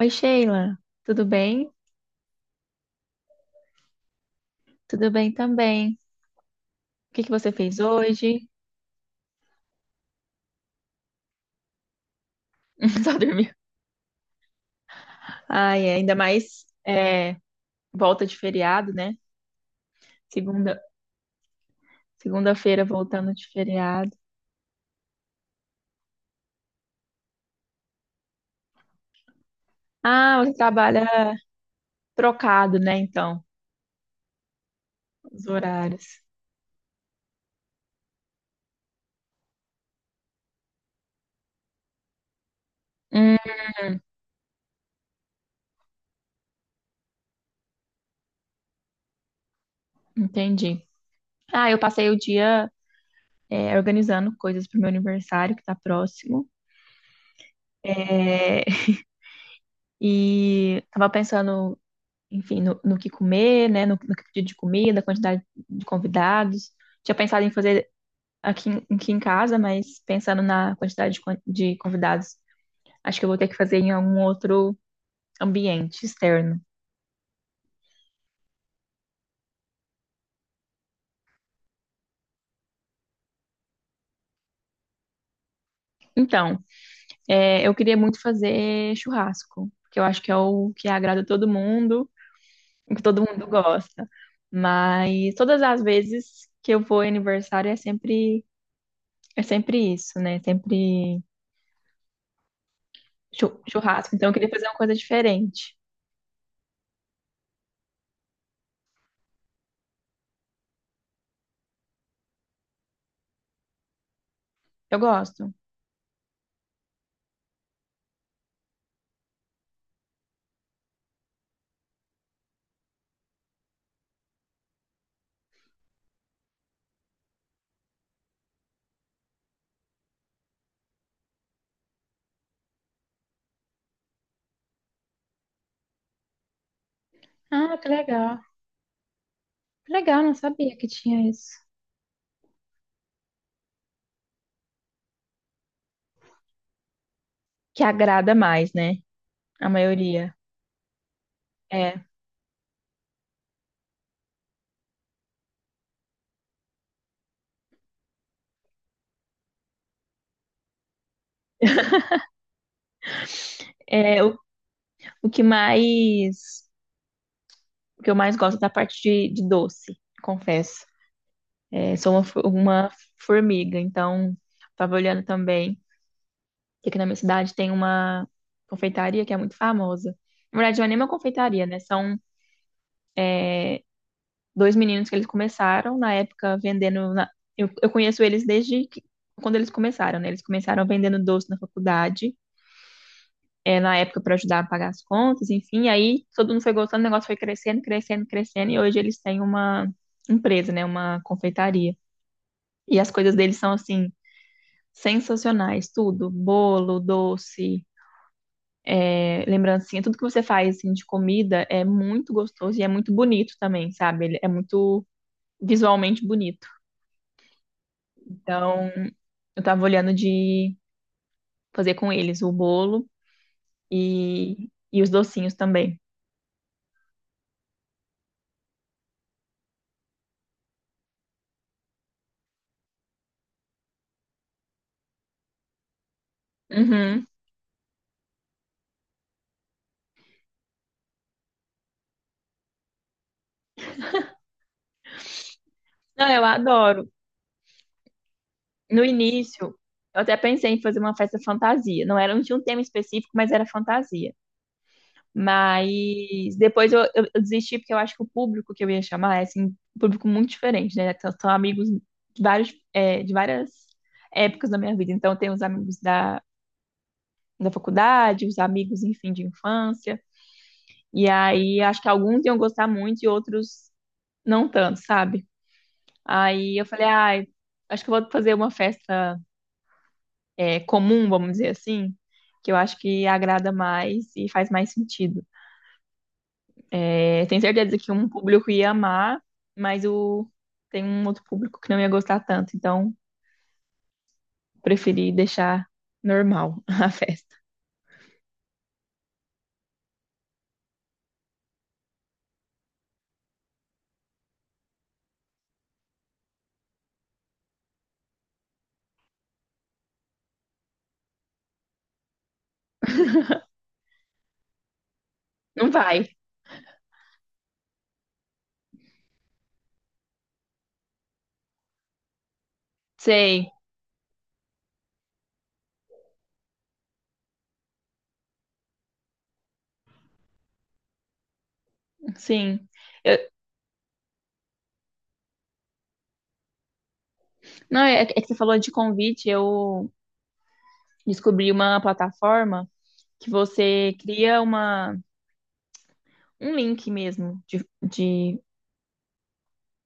Oi, Sheila, tudo bem? Tudo bem também. O que que você fez hoje? Só dormiu. Ai, é, ainda mais é, volta de feriado, né? Segunda, segunda-feira voltando de feriado. Ah, você trabalha trocado, né? Então, os horários. Hum, entendi. Ah, eu passei o dia organizando coisas para o meu aniversário, que tá próximo. É. E tava pensando enfim, no que comer, né? No que pedir de comida, quantidade de convidados. Tinha pensado em fazer aqui em casa, mas pensando na quantidade de convidados, acho que eu vou ter que fazer em algum outro ambiente externo. Então, eu queria muito fazer churrasco, porque eu acho que é o que agrada todo mundo, o que todo mundo gosta. Mas todas as vezes que eu vou em aniversário é sempre isso, né? Sempre churrasco. Então, eu queria fazer uma coisa diferente. Eu gosto. Ah, que legal. Que legal, não sabia que tinha isso. Que agrada mais, né? A maioria. É. É o que mais. O que eu mais gosto é da parte de doce, confesso. É, sou uma formiga, então tava olhando também que aqui na minha cidade tem uma confeitaria que é muito famosa. Na verdade, não é nem uma confeitaria, né? São dois meninos que eles começaram na época vendendo. Eu conheço eles quando eles começaram, né? Eles começaram vendendo doce na faculdade, na época para ajudar a pagar as contas, enfim. Aí todo mundo foi gostando, o negócio foi crescendo, crescendo, crescendo, e hoje eles têm uma empresa, né? Uma confeitaria. E as coisas deles são assim. Sensacionais, tudo, bolo, doce, lembrancinha, tudo que você faz assim, de comida é muito gostoso e é muito bonito também, sabe? Ele é muito visualmente bonito. Então, eu tava olhando de fazer com eles o bolo e os docinhos também. Uhum. Não, eu adoro. No início, eu até pensei em fazer uma festa fantasia. Não era, não tinha um tema específico, mas era fantasia. Mas depois eu desisti porque eu acho que o público que eu ia chamar é assim, um público muito diferente, né? São amigos de várias épocas da minha vida. Então, eu os amigos da faculdade, os amigos, enfim, de infância. E aí, acho que alguns iam gostar muito e outros não tanto, sabe? Aí eu falei, ai, acho que eu vou fazer uma festa comum, vamos dizer assim, que eu acho que agrada mais e faz mais sentido. É, tenho certeza que um público ia amar, mas tem um outro público que não ia gostar tanto, então preferi deixar normal a festa. Não vai. Sei. Sim. Eu- não, é que você falou de convite, eu descobri uma plataforma que você cria uma um link mesmo de, de,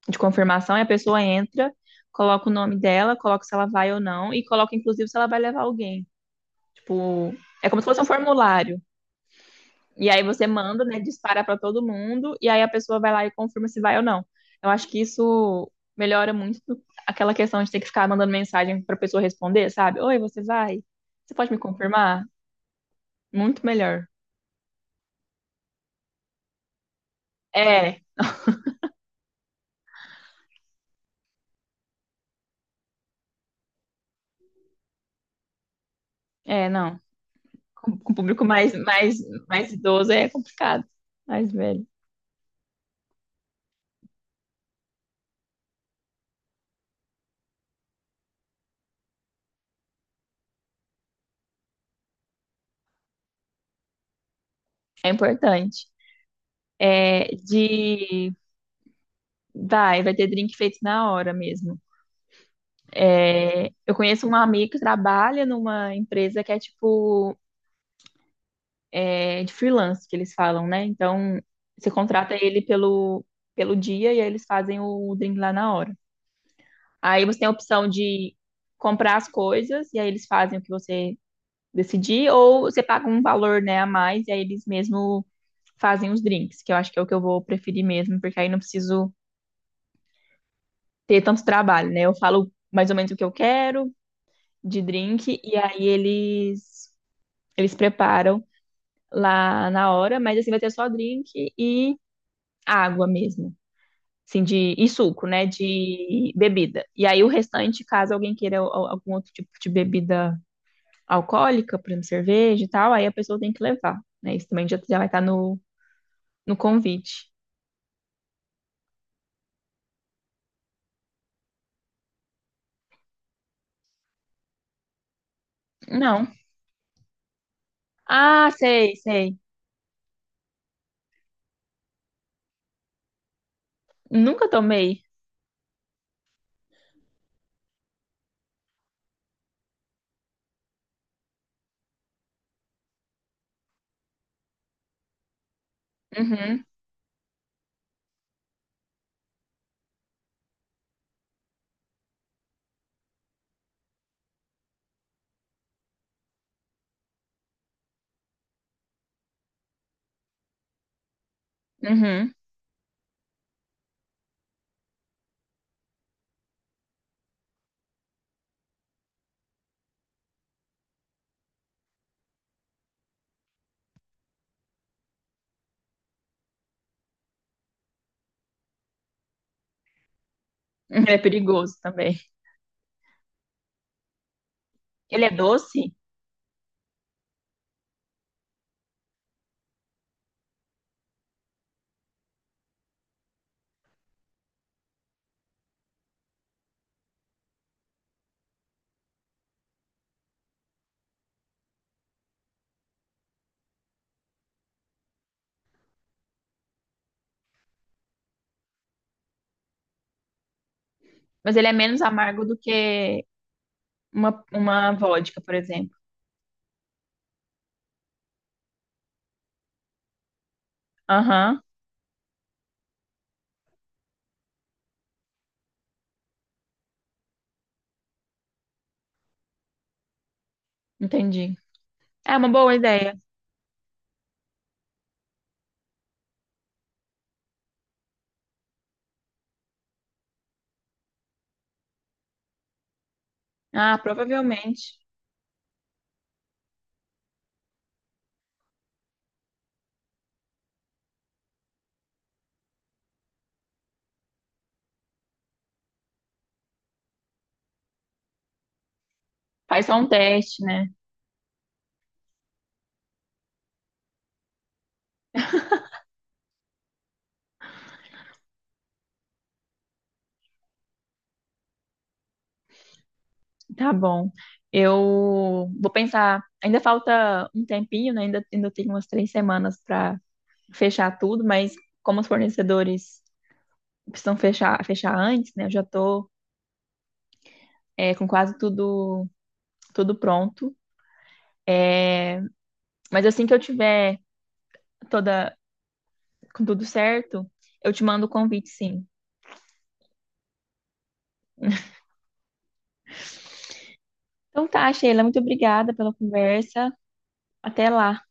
de confirmação e a pessoa entra, coloca o nome dela, coloca se ela vai ou não e coloca inclusive se ela vai levar alguém. Tipo, é como se fosse um formulário. E aí você manda, né, dispara para todo mundo e aí a pessoa vai lá e confirma se vai ou não. Eu acho que isso melhora muito aquela questão de ter que ficar mandando mensagem para pessoa responder, sabe? Oi, você vai? Você pode me confirmar? Muito melhor. É, é, não. Com o público mais idoso é complicado. Mais velho. É importante. É, de. Vai ter drink feito na hora mesmo. É, eu conheço uma amiga que trabalha numa empresa que é tipo de freelance, que eles falam, né? Então, você contrata ele pelo dia e aí eles fazem o drink lá na hora. Aí você tem a opção de comprar as coisas e aí eles fazem o que você decidir, ou você paga um valor, né, a mais e aí eles mesmo fazem os drinks, que eu acho que é o que eu vou preferir mesmo, porque aí não preciso ter tanto trabalho, né? Eu falo mais ou menos o que eu quero de drink e aí eles preparam lá na hora, mas assim vai ter só drink e água mesmo, assim de e suco, né, de bebida. E aí o restante, caso alguém queira algum outro tipo de bebida alcoólica, por exemplo, cerveja e tal, aí a pessoa tem que levar, né? Isso também já vai estar no convite. Não. Ah, sei, sei. Nunca tomei. Uhum, uhum. É perigoso também. Ele é doce, mas ele é menos amargo do que uma vodka, por exemplo. Aham, entendi. É uma boa ideia. Ah, provavelmente. Faz só um teste, né? Tá bom. Eu vou pensar. Ainda falta um tempinho, né? Ainda tenho umas 3 semanas para fechar tudo, mas como os fornecedores precisam fechar antes, né? Eu já tô, com quase tudo, tudo pronto. Mas assim que eu tiver toda, com tudo certo, eu te mando o convite, sim. Então tá, Sheila, muito obrigada pela conversa. Até lá.